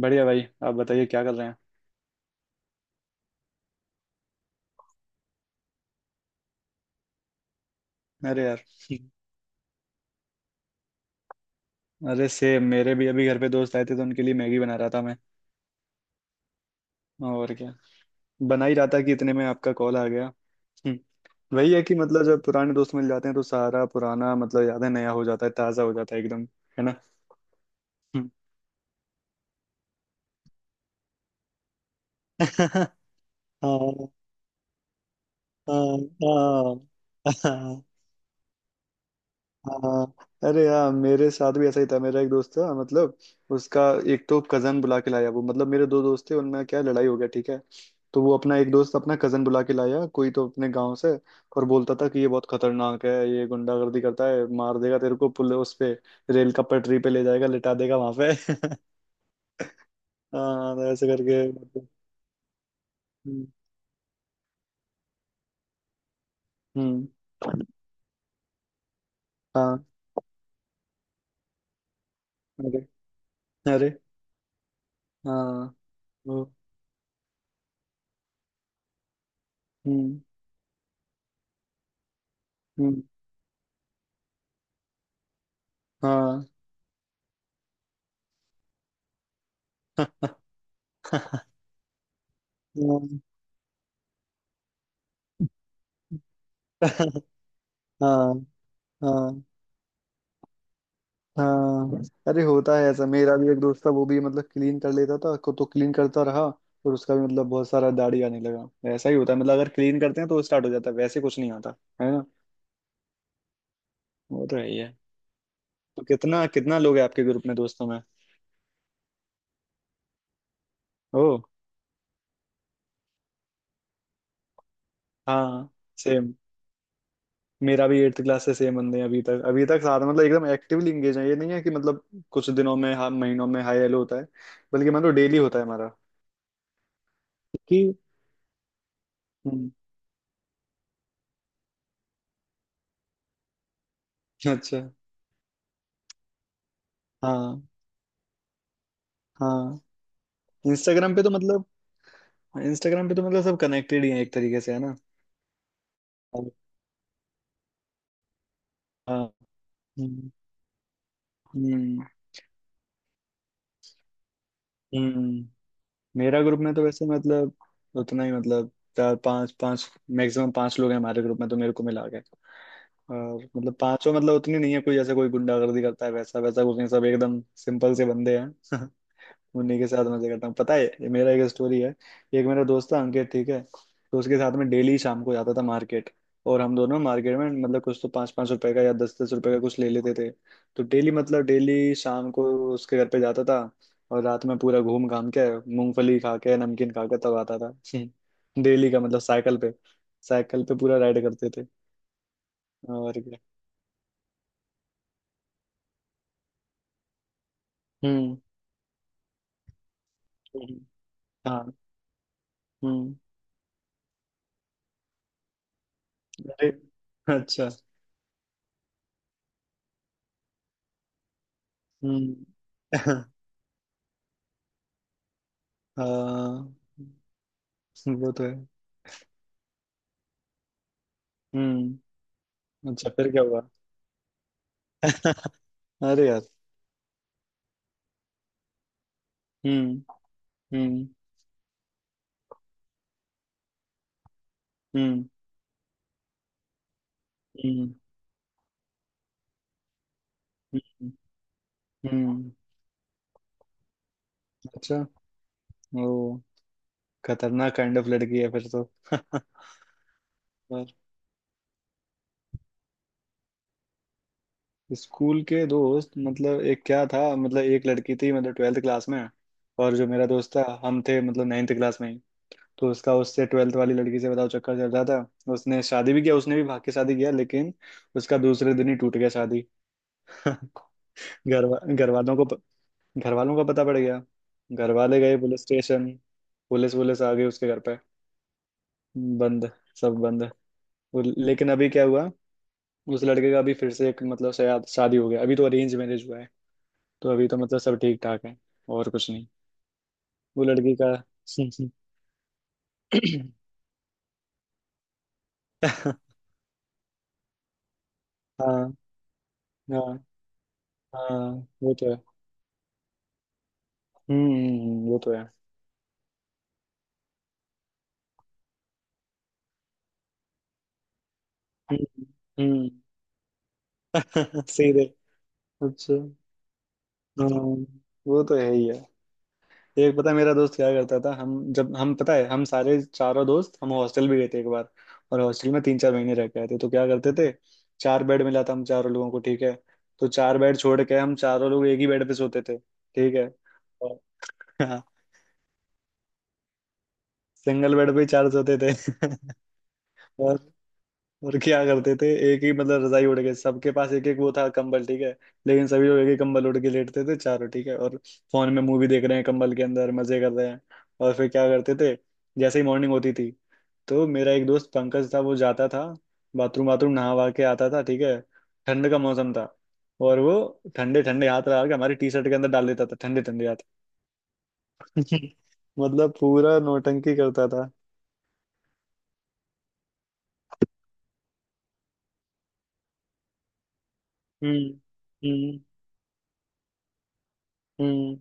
बढ़िया भाई, आप बताइए क्या कर रहे हैं। अरे यार। अरे से, मेरे भी अभी घर पे दोस्त आए थे तो उनके लिए मैगी बना रहा था मैं। और क्या। बना ही रहा था कि इतने में आपका कॉल आ गया। हम्म। वही है कि मतलब जब पुराने दोस्त मिल जाते हैं तो सारा पुराना मतलब यादें नया हो जाता है, ताज़ा हो जाता है एकदम। है ना। हम्म। हाँ। हाँ हाँ। हाँ। हाँ। अरे यार, मेरे साथ भी ऐसा ही था। मेरा एक दोस्त था मतलब, उसका एक तो कजन बुला के लाया। वो मतलब मेरे दो दोस्त थे, उनमें क्या लड़ाई हो गया ठीक है। तो वो अपना एक दोस्त अपना कजन बुला के लाया कोई तो अपने गांव से। और बोलता था कि ये बहुत खतरनाक है, ये गुंडागर्दी करता है, मार देगा तेरे को पुल उस पे, रेल का पटरी पे ले जाएगा, लिटा देगा वहां पे। हाँ, तो ऐसे करके मतलब। हम्म। हम्म, हाँ। अरे अरे। हाँ। वो, हम्म। हम्म। हाँ। हाँ। हाँ हाँ हाँ। अरे होता है ऐसा। मेरा भी एक दोस्त था वो भी मतलब क्लीन कर लेता था को तो क्लीन करता रहा और उसका भी मतलब बहुत सारा दाढ़ी आने लगा। ऐसा ही होता है मतलब अगर क्लीन करते हैं तो स्टार्ट हो जाता है, वैसे कुछ नहीं आता। है ना। वो तो है ही है। तो कितना कितना लोग हैं आपके ग्रुप में दोस्तों में। ओ। हाँ। सेम। मेरा भी एट्थ क्लास से सेम बंदे हैं अभी तक, अभी तक साथ मतलब एकदम एक्टिवली इंगेज है। ये नहीं है कि मतलब कुछ दिनों में, हाँ, महीनों में हाई हेलो होता है। बल्कि मतलब डेली होता है हमारा। कि। हम्म, अच्छा। हाँ हाँ। इंस्टाग्राम पे तो मतलब इंस्टाग्राम पे तो मतलब सब कनेक्टेड ही है एक तरीके से, है ना। हाँ। हम्म हम्म। हम्म। मेरा ग्रुप में तो वैसे मतलब उतना ही मतलब, चार पांच पांच, मैक्सिमम पांच लोग हैं हमारे ग्रुप में तो, मेरे को मिला के। और मतलब पांचों मतलब उतनी नहीं है कोई, जैसे कोई गुंडागर्दी करता है वैसा वैसा कुछ नहीं, सब एकदम सिंपल से बंदे हैं। उन्हीं के साथ मजे करता हूँ। पता है, ये मेरा एक स्टोरी है। एक मेरा दोस्त था अंकित ठीक है। तो उसके साथ में डेली शाम को जाता था मार्केट। और हम दोनों मार्केट में मतलब कुछ तो 5-5 रुपए का या 10-10 रुपए का कुछ ले लेते थे। तो डेली मतलब डेली शाम को उसके घर पे जाता था और रात में पूरा घूम घाम के मूंगफली खा के, नमकीन खा के तब आता था। डेली का मतलब साइकिल पे, साइकिल पे पूरा राइड करते थे। और क्या। हम्म। हम्म, हाँ। हम्म। अरे, अच्छा। हम्म। हाँ। वो तो है। हम्म। अच्छा फिर क्या हुआ। अरे यार। हम्म हम्म हम्म हम्म हम्म हम्म, अच्छा। ओ। खतरनाक काइंड ऑफ लड़की है फिर तो। पर स्कूल के दोस्त मतलब, एक क्या था मतलब, एक लड़की थी मतलब 12वीं क्लास में और जो मेरा दोस्त था हम थे मतलब नाइन्थ क्लास में ही। तो उसका उससे 12वीं वाली लड़की से बताओ चक्कर चल रहा था। उसने शादी भी किया, उसने भी भाग के शादी किया, लेकिन उसका दूसरे दिन ही टूट गया शादी। घर घर वालों को, घर वालों का पता पड़ गया, घर वाले गए पुलिस स्टेशन, पुलिस पुलिस आ गई उसके घर पे। बंद, सब बंद। लेकिन अभी क्या हुआ, उस लड़के का अभी फिर से एक मतलब शायद शादी हो गया, अभी तो अरेंज मैरिज हुआ है। तो अभी तो मतलब सब ठीक ठाक है, और कुछ नहीं। वो लड़की का। हाँ। हाँ हाँ। वो तो है। वो तो है। हम्म हम्म। सीधे। अच्छा। हाँ। वो तो है ही है। एक पता है मेरा दोस्त क्या करता था, हम जब हम पता है हम सारे चारों दोस्त हम हॉस्टल भी गए थे एक बार और हॉस्टल में 3-4 महीने रह के आए थे, तो क्या करते थे, चार बेड मिला था हम चारों लोगों को ठीक है, तो चार बेड छोड़ के हम चारों लोग एक ही बेड पे सोते थे ठीक है। और हाँ, सिंगल बेड पे ही चार सोते थे। और और क्या करते थे, एक ही मतलब रजाई उड़ के सबके पास एक एक वो था कंबल ठीक है, लेकिन सभी लोग एक ही कंबल उड़ के लेटते थे चारों ठीक है। और फोन में मूवी देख रहे हैं कंबल के अंदर, मजे कर रहे हैं। और फिर क्या करते थे, जैसे ही मॉर्निंग होती थी तो मेरा एक दोस्त पंकज था वो जाता था बाथरूम, बाथरूम नहा वहा के आता था ठीक है, ठंड का मौसम था। और वो ठंडे ठंडे हाथ लगा के हमारी टी शर्ट के अंदर डाल देता था, ठंडे ठंडे हाथ। मतलब पूरा नौटंकी करता था। हम्म हम्म हम्म।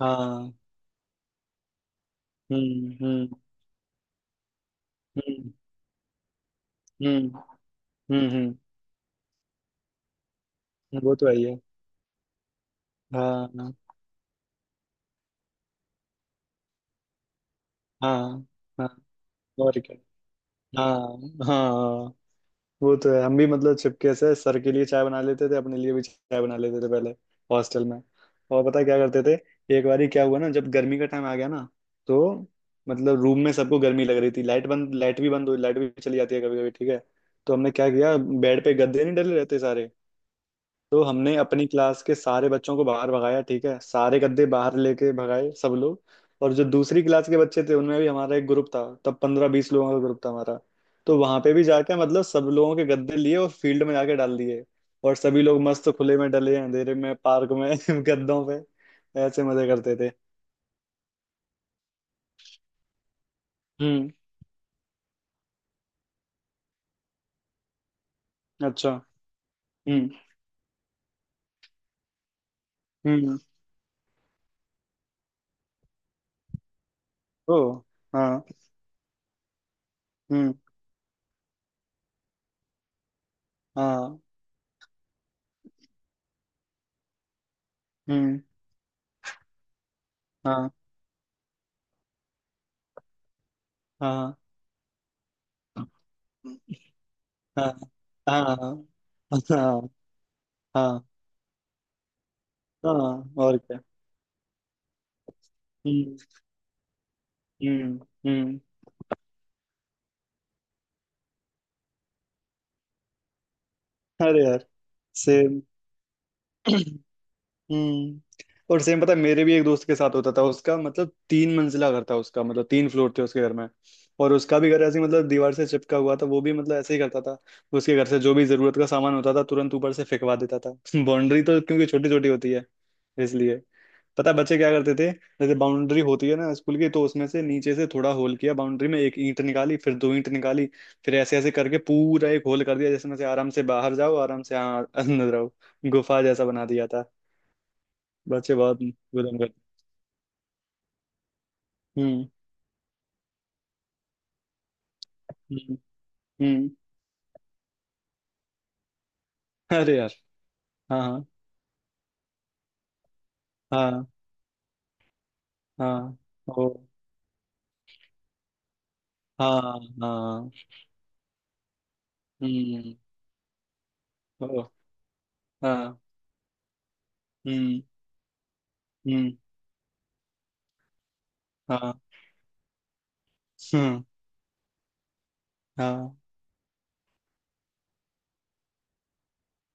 हाँ। हम्म हम्म हम्म हम्म हम्म हम्म, वो तो है ही है। हाँ हाँ हाँ हाँ, और क्या। हाँ हाँ। वो तो है। हम भी मतलब छिपके से सर के लिए चाय बना लेते थे, अपने लिए भी चाय बना लेते थे पहले हॉस्टल में। और पता है क्या करते थे, एक बार क्या हुआ ना जब गर्मी का टाइम आ गया ना, तो मतलब रूम में सबको गर्मी लग रही थी, लाइट बंद, लाइट भी बंद हुई, लाइट भी चली जाती है कभी कभी ठीक है, तो हमने क्या किया, बेड पे गद्दे नहीं डले रहते सारे, तो हमने अपनी क्लास के सारे बच्चों को बाहर भगाया ठीक है, सारे गद्दे बाहर लेके भगाए सब लोग। और जो दूसरी क्लास के बच्चे थे उनमें भी हमारा एक ग्रुप था तब, 15-20 लोगों का ग्रुप था हमारा, तो वहां पे भी जाके मतलब सब लोगों के गद्दे लिए और फील्ड में जाके डाल दिए। और सभी लोग मस्त खुले में डले अंधेरे में पार्क में गद्दों पे ऐसे मजे करते थे। हम्म। अच्छा। हम्म हम्म। ओ। हाँ। हम्म। हाँ। हम्म। हाँ हाँ हाँ हाँ हाँ हाँ हाँ हाँ, और क्या। हम्म हम्म हम्म। अरे यार। सेम। हम्म। और सेम पता है, मेरे भी एक दोस्त के साथ होता था, उसका मतलब तीन मंजिला घर था, उसका मतलब तीन फ्लोर थे उसके घर में। और उसका भी घर ऐसे ही मतलब दीवार से चिपका हुआ था, वो भी मतलब ऐसे ही करता था। उसके घर से जो भी जरूरत का सामान होता था तुरंत ऊपर से फेंकवा देता था। बाउंड्री तो क्योंकि छोटी छोटी होती है, इसलिए पता है बच्चे क्या करते थे, जैसे बाउंड्री होती है ना स्कूल की तो उसमें से नीचे से थोड़ा होल किया, बाउंड्री में एक ईंट निकाली फिर दो ईंट निकाली, फिर ऐसे ऐसे करके पूरा एक होल कर दिया, जिसमें से आराम से बाहर जाओ, आराम से, हाँ, अंदर आओ, गुफा जैसा बना दिया था। बाचे बाद गुदम कर। हम्म हम्म हम्म। अरे यार। हाँ हाँ हाँ हाँ। ओ। हाँ हाँ। हम्म। ओ। हाँ। हम्म हम्म। हाँ। हम्म। हाँ।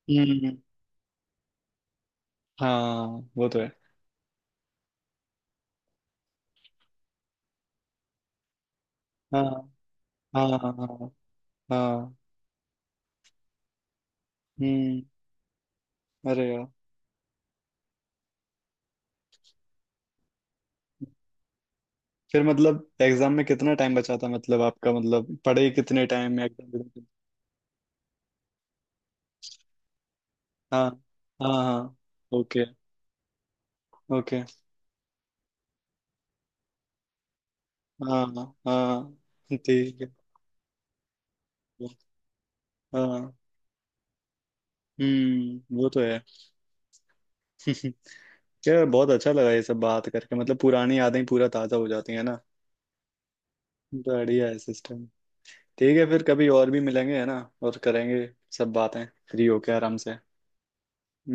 हम्म। हाँ। वो तो है। हाँ हाँ हाँ हाँ। हाँ, हम्म। अरे यार, फिर मतलब एग्जाम में कितना टाइम बचा था, मतलब आपका मतलब पढ़े कितने टाइम में एग्जाम देने के लिए? हाँ हाँ हाँ। ओके। ओके। हाँ हाँ। ठीक है। हाँ हम्म, वो तो है। यार बहुत अच्छा लगा ये सब बात करके, मतलब पुरानी यादें पूरा ताजा हो जाती है ना। तो बढ़िया है सिस्टम। ठीक है, फिर कभी और भी मिलेंगे, है ना, और करेंगे सब बातें, फ्री होके आराम से।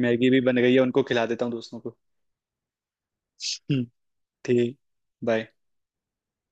मैगी भी बन गई है, उनको खिला देता हूँ दोस्तों को। हम्म, ठीक। बाय।